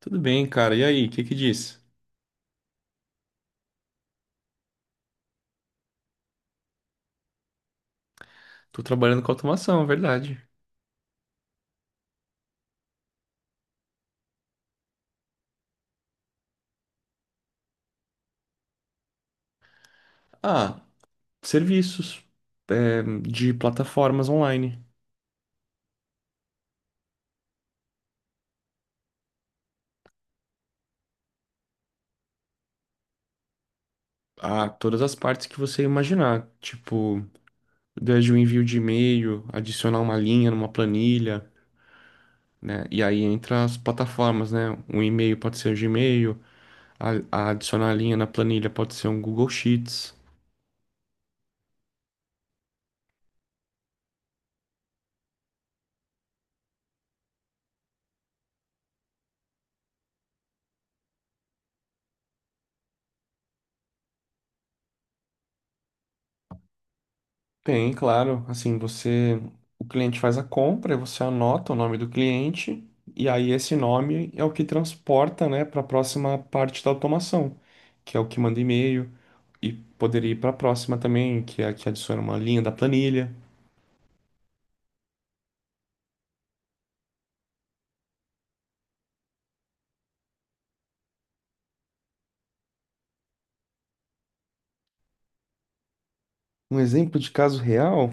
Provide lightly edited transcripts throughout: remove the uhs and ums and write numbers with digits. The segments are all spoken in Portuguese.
Tudo bem, cara. E aí, o que que diz? Tô trabalhando com automação, é verdade. Ah, Serviços de plataformas online. Ah, todas as partes que você imaginar. Tipo, desde o envio de e-mail, adicionar uma linha numa planilha, né? E aí entra as plataformas, né? Um e-mail pode ser o Gmail, a, a adicionar a linha na planilha pode ser um Google Sheets. Tem, claro. Assim, você, o cliente faz a compra, você anota o nome do cliente, e aí esse nome é o que transporta, né, para a próxima parte da automação, que é o que manda e-mail e poderia ir para a próxima também, que é a que adiciona uma linha da planilha. Um exemplo de caso real,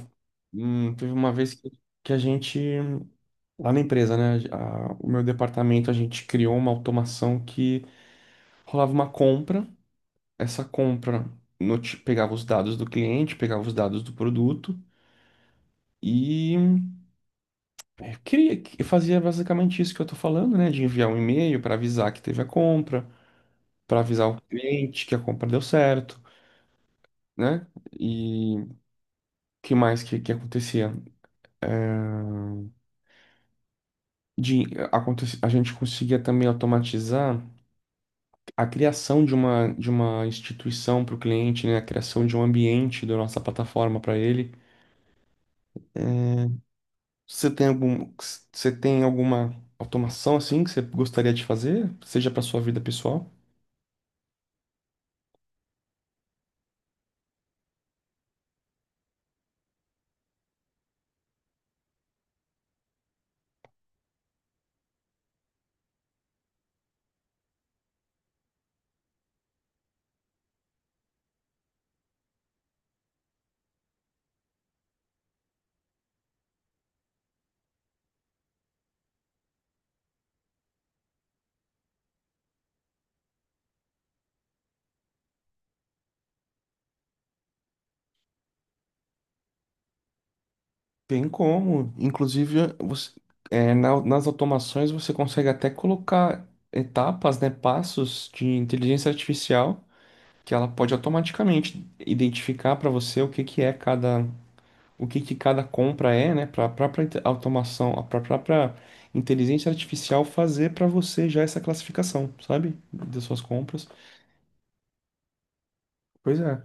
teve uma vez que, a gente lá na empresa, né, o meu departamento a gente criou uma automação que rolava uma compra, essa compra pegava os dados do cliente, pegava os dados do produto e fazia basicamente isso que eu estou falando, né? De enviar um e-mail para avisar que teve a compra, para avisar o cliente que a compra deu certo, né? E o que mais que acontecia? É, De, a gente conseguia também automatizar a criação de uma instituição para o cliente, né? A criação de um ambiente da nossa plataforma para ele. É, você tem algum, você tem alguma automação assim que você gostaria de fazer, seja para sua vida pessoal? Tem como. Inclusive, você, nas automações você consegue até colocar etapas, né, passos de inteligência artificial que ela pode automaticamente identificar para você o que que é cada, o que que cada compra é, né, para a própria automação, a própria inteligência artificial fazer para você já essa classificação, sabe, das suas compras. Pois é.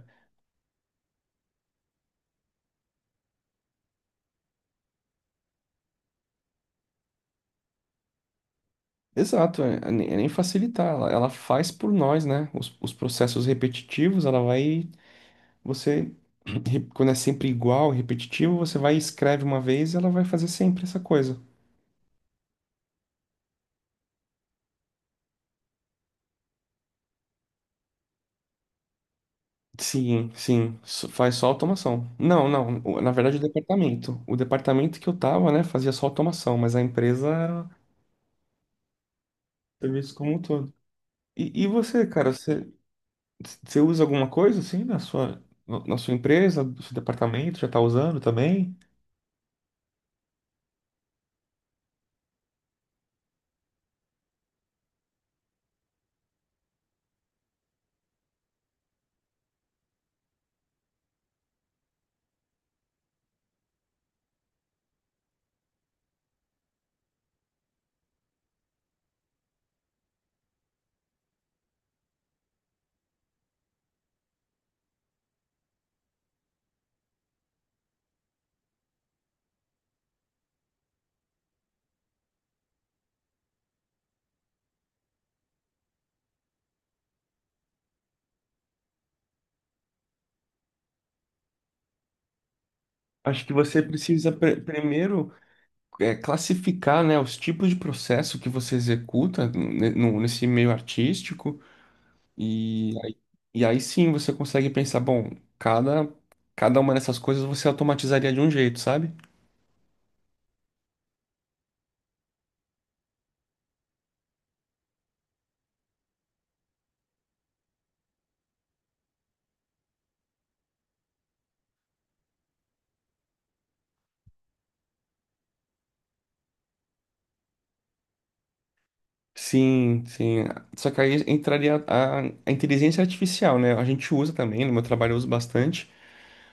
Exato, nem facilitar, ela faz por nós, né? Os processos repetitivos, ela vai, você, quando é sempre igual, repetitivo, você vai e escreve uma vez e ela vai fazer sempre essa coisa. Sim, sim, faz só automação. Não, não, o- Na verdade o departamento que eu tava, né, fazia só automação, mas a empresa era serviço como um todo. E você, cara, você, você usa alguma coisa assim na sua, na sua empresa, no seu departamento, já tá usando também? Acho que você precisa primeiro classificar, né, os tipos de processo que você executa nesse meio artístico e aí, e aí sim você consegue pensar, bom, cada, cada uma dessas coisas você automatizaria de um jeito, sabe? Sim, sim. Só que aí entraria a inteligência artificial, né? A gente usa também, no meu trabalho eu uso bastante,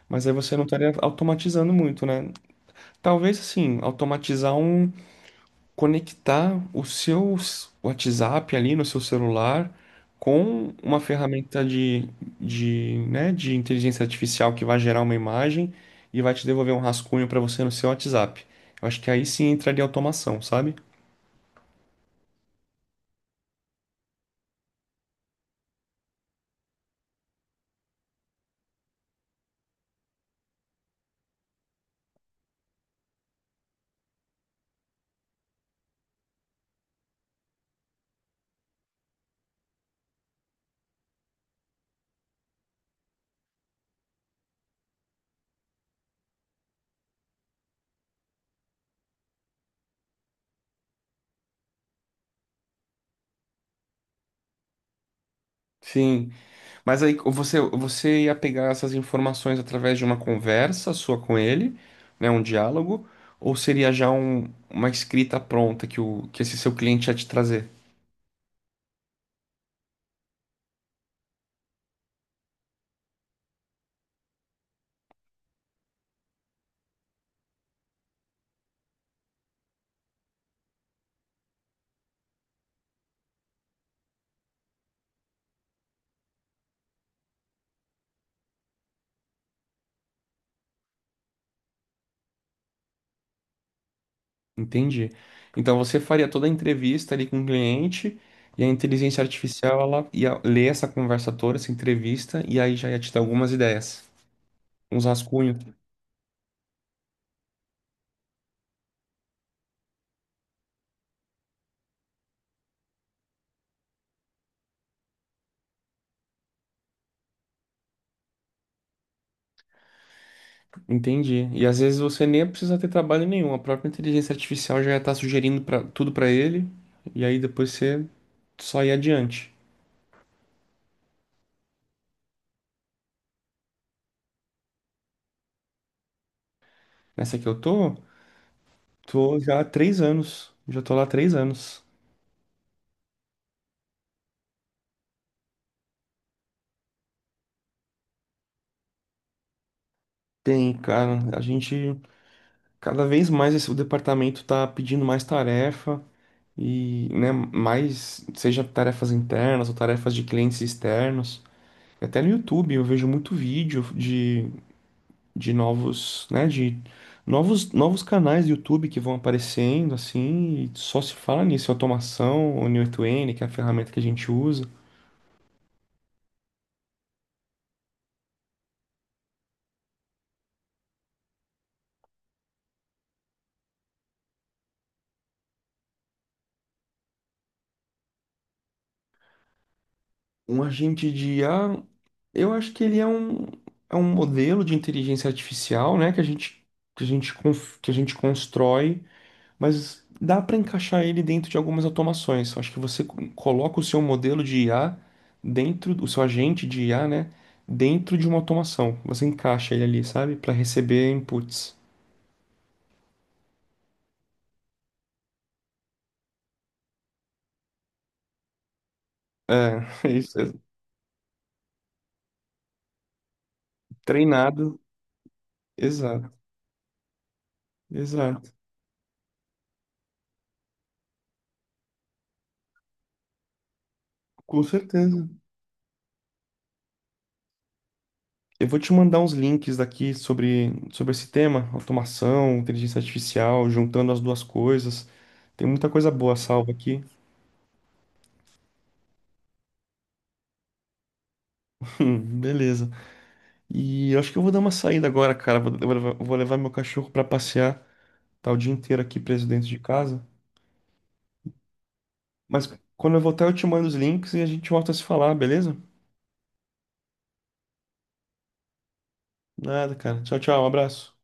mas aí você não estaria automatizando muito, né? Talvez, assim, automatizar um, conectar o seu WhatsApp ali no seu celular com uma ferramenta de, né, de inteligência artificial que vai gerar uma imagem e vai te devolver um rascunho para você no seu WhatsApp. Eu acho que aí sim entraria automação, sabe? Sim, mas aí você, você ia pegar essas informações através de uma conversa sua com ele, né, um diálogo, ou seria já uma escrita pronta que, o, que esse seu cliente ia te trazer? Entendi. Então você faria toda a entrevista ali com o cliente e a inteligência artificial, ela ia ler essa conversa toda, essa entrevista, e aí já ia te dar algumas ideias, uns rascunhos. Entendi. E às vezes você nem precisa ter trabalho nenhum, a própria inteligência artificial já ia estar sugerindo pra, tudo para ele, e aí depois você só ir adiante. Nessa que eu tô, tô já há 3 anos. Já tô lá há 3 anos. Tem, cara, a gente cada vez mais esse, o departamento tá pedindo mais tarefa. E, né, mais, seja tarefas internas ou tarefas de clientes externos. Até no YouTube eu vejo muito vídeo de novos, né, de novos canais do YouTube que vão aparecendo assim, e só se fala nisso, automação, o Neo2n, que é a ferramenta que a gente usa. Um agente de IA, eu acho que ele é um modelo de inteligência artificial, né, que a gente, que a gente constrói. Mas dá para encaixar ele dentro de algumas automações. Eu acho que você coloca o seu modelo de IA dentro, o seu agente de IA, né, dentro de uma automação. Você encaixa ele ali, sabe, para receber inputs. É, isso, é treinado. Exato, exato. Com certeza. Eu vou te mandar uns links daqui sobre, sobre esse tema, automação, inteligência artificial, juntando as duas coisas. Tem muita coisa boa salva aqui. Beleza. E eu acho que eu vou dar uma saída agora, cara. Vou, eu vou levar, eu vou levar meu cachorro pra passear. Tá o dia inteiro aqui preso dentro de casa. Mas quando eu voltar, eu te mando os links e a gente volta a se falar, beleza? Nada, cara. Tchau, tchau. Um abraço.